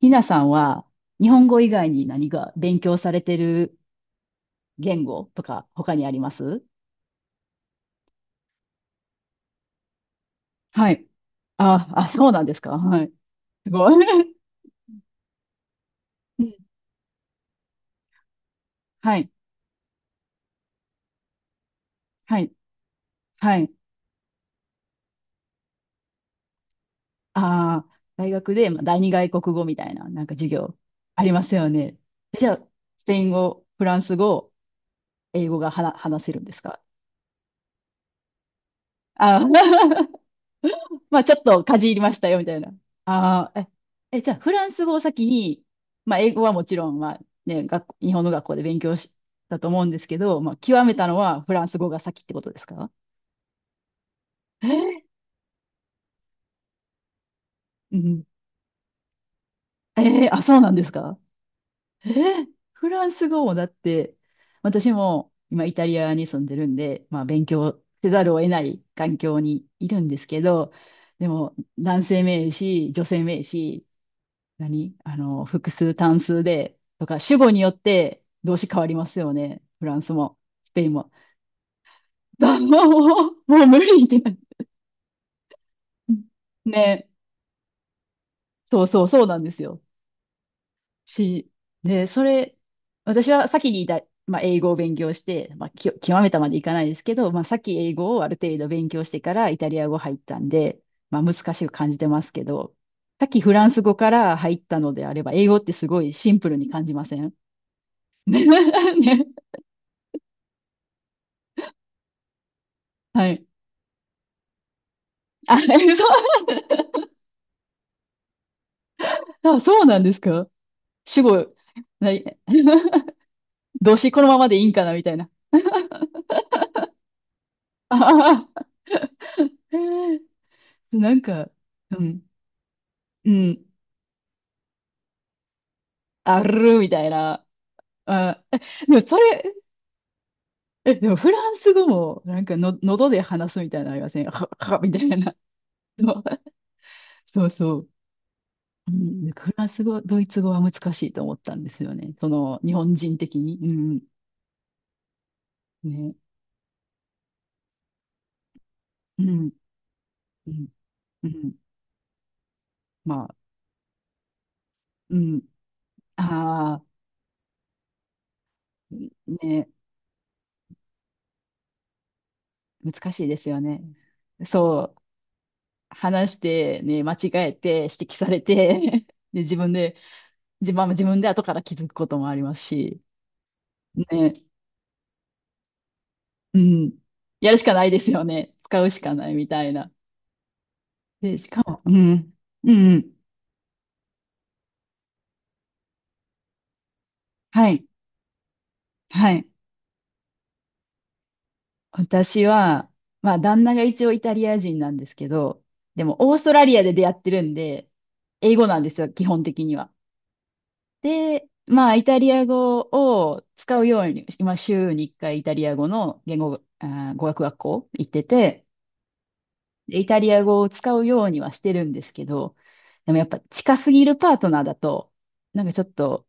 ひなさんは日本語以外に何か勉強されてる言語とか他にあります？はい。あ、あ、そうなんですか。はい。すごい。うん。はい。はい。はい。ああ、大学で、まあ、第二外国語みたいな、なんか授業ありますよね。じゃあ、スペイン語、フランス語、英語が話せるんですか？あー、 まあちょっとかじりましたよ、みたいな。ああ、え、え、じゃあフランス語を先に、まあ英語はもちろん、まあね、学校、日本の学校で勉強したと思うんですけど、まあ極めたのはフランス語が先ってことですか？えー、うん。えー、あ、そうなんですか？えー、フランス語もだって、私も今イタリアに住んでるんで、まあ勉強せざるを得ない環境にいるんですけど、でも男性名詞、女性名詞、何複数単数で、とか、主語によって動詞変わりますよね。フランスも、スペインも。だもう、もう無理ってなる。ね、そうなんですよ。し、で、それ、私は先にまあ、英語を勉強して、まあ、極めたまでいかないですけど、まあ、先英語をある程度勉強してからイタリア語入ったんで、まあ、難しく感じてますけど、さっきフランス語から入ったのであれば、英語ってすごいシンプルに感じません？ ね。はい。あ、そう、あ、そうなんですか？主語、な、動詞このままでいいんかなみたいな。ああ、なんか、うん、うん、あるみたいな。あ、え、でもそれ、え、でもフランス語も、なんかの、喉で話すみたいなのありません？みたいな。そう。うん、フランス語、ドイツ語は難しいと思ったんですよね。その、日本人的に。うん、ね。うん、うん、うん。まあ、うん。ああ、ね。難しいですよね。そう、話して、ね、間違えて、指摘されて、で、自分で、自分は自分で後から気づくこともありますし、ね、うん、やるしかないですよね。使うしかないみたいな。で、しかも、うん、うん、うん、はい、はい。私は、まあ、旦那が一応イタリア人なんですけど、でも、オーストラリアで出会ってるんで、英語なんですよ、基本的には。で、まあ、イタリア語を使うように、今、週に1回イタリア語の言語、あー、語学学校行ってて、でイタリア語を使うようにはしてるんですけど、でもやっぱ近すぎるパートナーだと、なんかちょっと、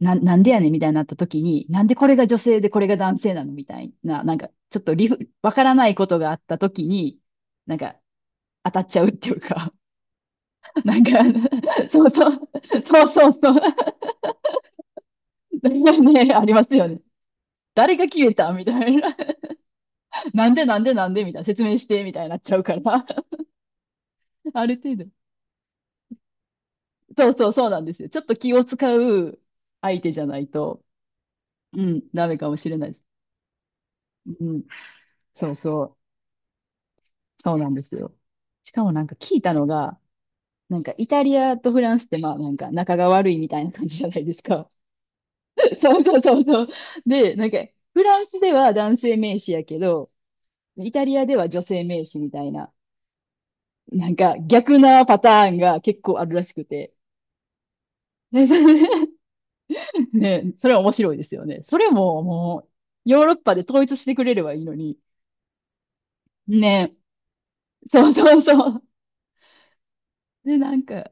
なんでやねんみたいになった時に、なんでこれが女性でこれが男性なのみたいな、なんかちょっとわからないことがあった時に、なんか当たっちゃうっていうか、なんか、そうそう、そうそうそう、ね、ありますよね。誰が消えたみたいな。なんでなんでなんでみたいな。説明してみたいになっちゃうから。ある程度。そうそうそうなんですよ。ちょっと気を使う相手じゃないと、うん、ダメかもしれないです。うん、そうそう。そうなんですよ。しかもなんか聞いたのが、なんかイタリアとフランスってまあなんか仲が悪いみたいな感じじゃないですか。そうそうそうそう。で、なんかフランスでは男性名詞やけど、イタリアでは女性名詞みたいな、なんか逆なパターンが結構あるらしくて。ね、それ、 ね、それは面白いですよね。それももう、ヨーロッパで統一してくれればいいのに。ね、そうそうそう。で、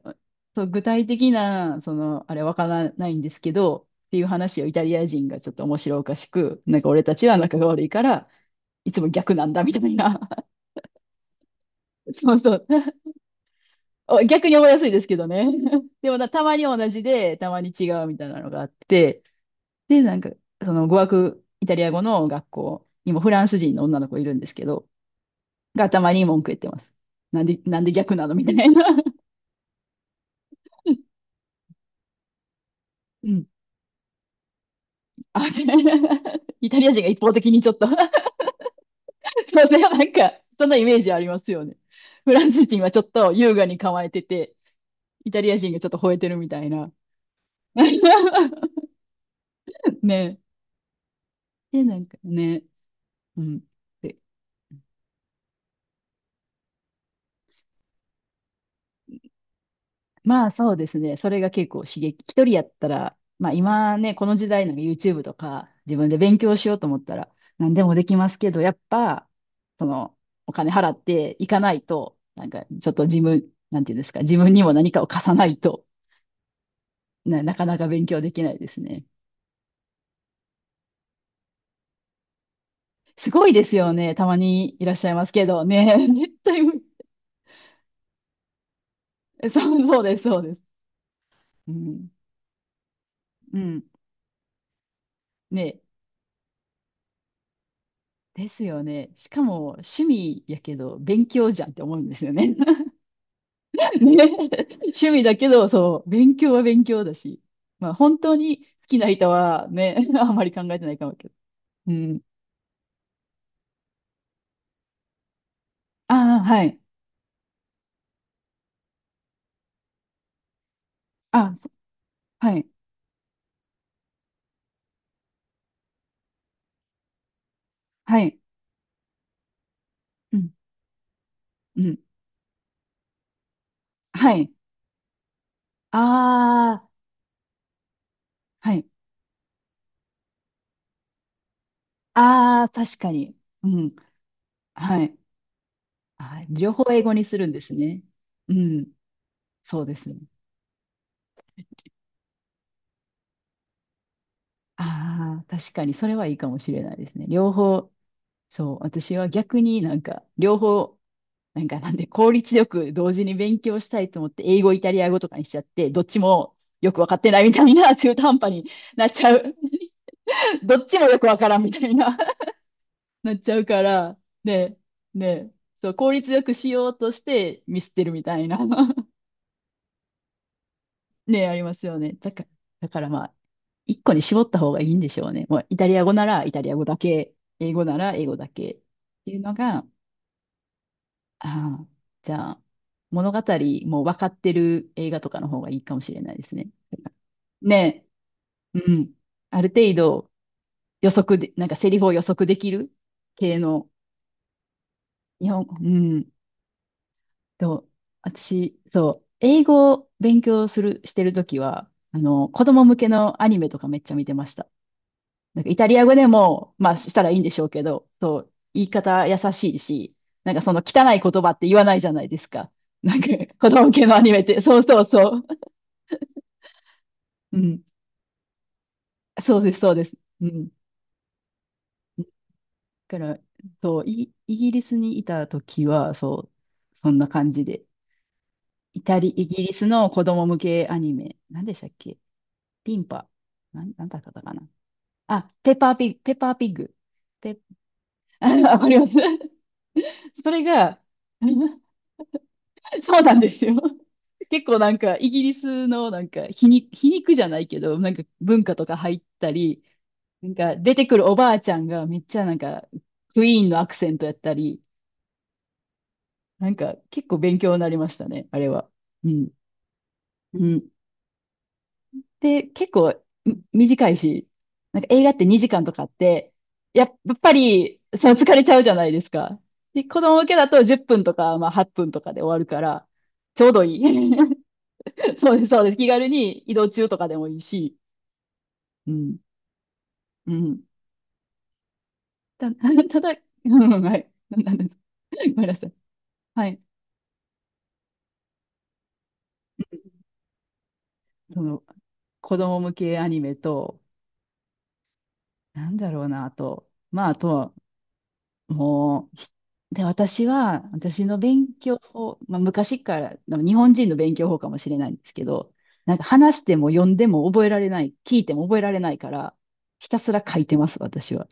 そう、具体的な、その、あれわからないんですけど、っていう話をイタリア人がちょっと面白おかしく、なんか俺たちは仲が悪いから、いつも逆なんだみたいな。そうそう。お逆に覚えやすいですけどね。でもな、たまに同じで、たまに違うみたいなのがあって、で、なんか、その語学、イタリア語の学校にもフランス人の女の子いるんですけど、がたまに文句言ってます。なんで、なんで逆なのみたいな。うん。あ、違う、イタリア人が一方的にちょっと、 ね、なんか、そんなイメージありますよね。フランス人はちょっと優雅に構えてて、イタリア人がちょっと吠えてるみたいな。ね。で、なんかね、うん。まあそうですね。それが結構刺激。一人やったら、まあ今ね、この時代の YouTube とか自分で勉強しようと思ったら何でもできますけど、やっぱ、そのお金払っていかないと、なんかちょっと自分、なんていうんですか、自分にも何かを貸さないと、なかなか勉強できないですね。すごいですよね。たまにいらっしゃいますけどね。絶対無理、そう、そうです、そうです。うん。うん。ね。ですよね。しかも趣味やけど勉強じゃんって思うんですよね。趣味だけど、そう、勉強は勉強だし。まあ、本当に好きな人はね、あんまり考えてないかもけど。うん。ああ、はい。あ、はい。はい。うん。うん。はい。ああ、はい。ああ、確かに。うん。はい。あ、情報を英語にするんですね。うん。そうですね。ああ、確かに、それはいいかもしれないですね。両方、そう、私は逆になんか、両方なんかなんで効率よく同時に勉強したいと思って英語、イタリア語とかにしちゃって、どっちもよくわかってないみたいな中途半端になっちゃう。どっちもよくわからんみたいな。 なっちゃうから、ね、ね、そう、効率よくしようとしてミスってるみたいな。 ね、ありますよね。だから、だからまあ、一個に絞った方がいいんでしょうね。もうイタリア語ならイタリア語だけ、英語なら英語だけっていうのが、ああ、じゃあ、物語も分かってる映画とかの方がいいかもしれないですね。ねえ、うん。ある程度予測で、なんかセリフを予測できる系の。日本、うん。と、私、そう、英語を勉強する、してるときは、あの、子供向けのアニメとかめっちゃ見てました。なんかイタリア語でも、まあしたらいいんでしょうけど、そう、言い方優しいし、なんかその汚い言葉って言わないじゃないですか。なんか子供向けのアニメって、そうそうそう。うん。そうです、そうです。うん。だから、そう、イギリスにいた時は、そう、そんな感じで。イギリスの子供向けアニメ、何でしたっけ？ピンパ。なんだったかな。あ、ペッパーピッグ、ペッパーピッグ。ペッ、あ、わかります。それが、そうなんですよ。結構なんかイギリスのなんか皮肉じゃないけど、なんか文化とか入ったり、なんか出てくるおばあちゃんがめっちゃなんかクイーンのアクセントやったり、なんか結構勉強になりましたね、あれは。うん。うん。で、結構短いし、なんか映画って2時間とかあって、やっぱりその疲れちゃうじゃないですか。で、子供向けだと10分とか、まあ8分とかで終わるから、ちょうどいい。そうです、そうです。気軽に移動中とかでもいいし。うん。うん。た、ただ、うん、はい。なんです。ごめんなさい。はい。その、子供向けアニメと、なんだろうな、あと、まあ、あとは、もう、で、私は、私の勉強法、まあ、昔から、でも日本人の勉強法かもしれないんですけど、なんか話しても読んでも覚えられない、聞いても覚えられないから、ひたすら書いてます、私は。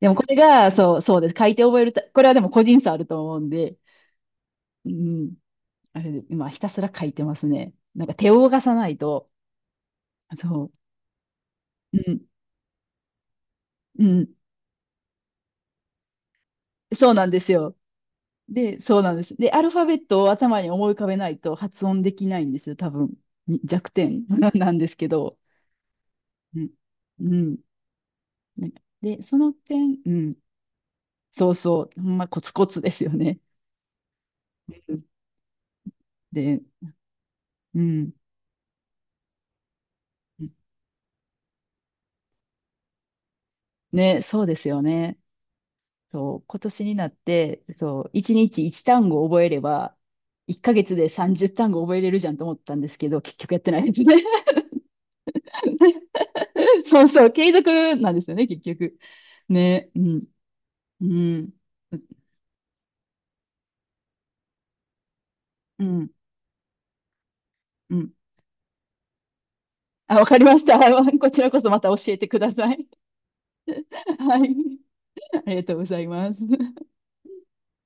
でもこれが、そう、そうです。書いて覚えるた、これはでも個人差あると思うんで、うん、あれで、今ひたすら書いてますね。なんか手を動かさないと、あの、うん、うん、そうなんですよ。で、そうなんです。で、アルファベットを頭に思い浮かべないと発音できないんですよ、多分。に弱点 なんですけど。うん。うん。なんかで、その点、うん。そうそう。ほんまコツコツですよね。うん。で、うん。ね、そうですよね。そう、今年になって、そう、1日1単語覚えれば、1ヶ月で30単語覚えれるじゃんと思ったんですけど、結局やってないですね。そうそう、継続なんですよね、結局。ね、うん、うん、うん、うん。あ、わかりました。こちらこそまた教えてください。はい。ありがとうございます。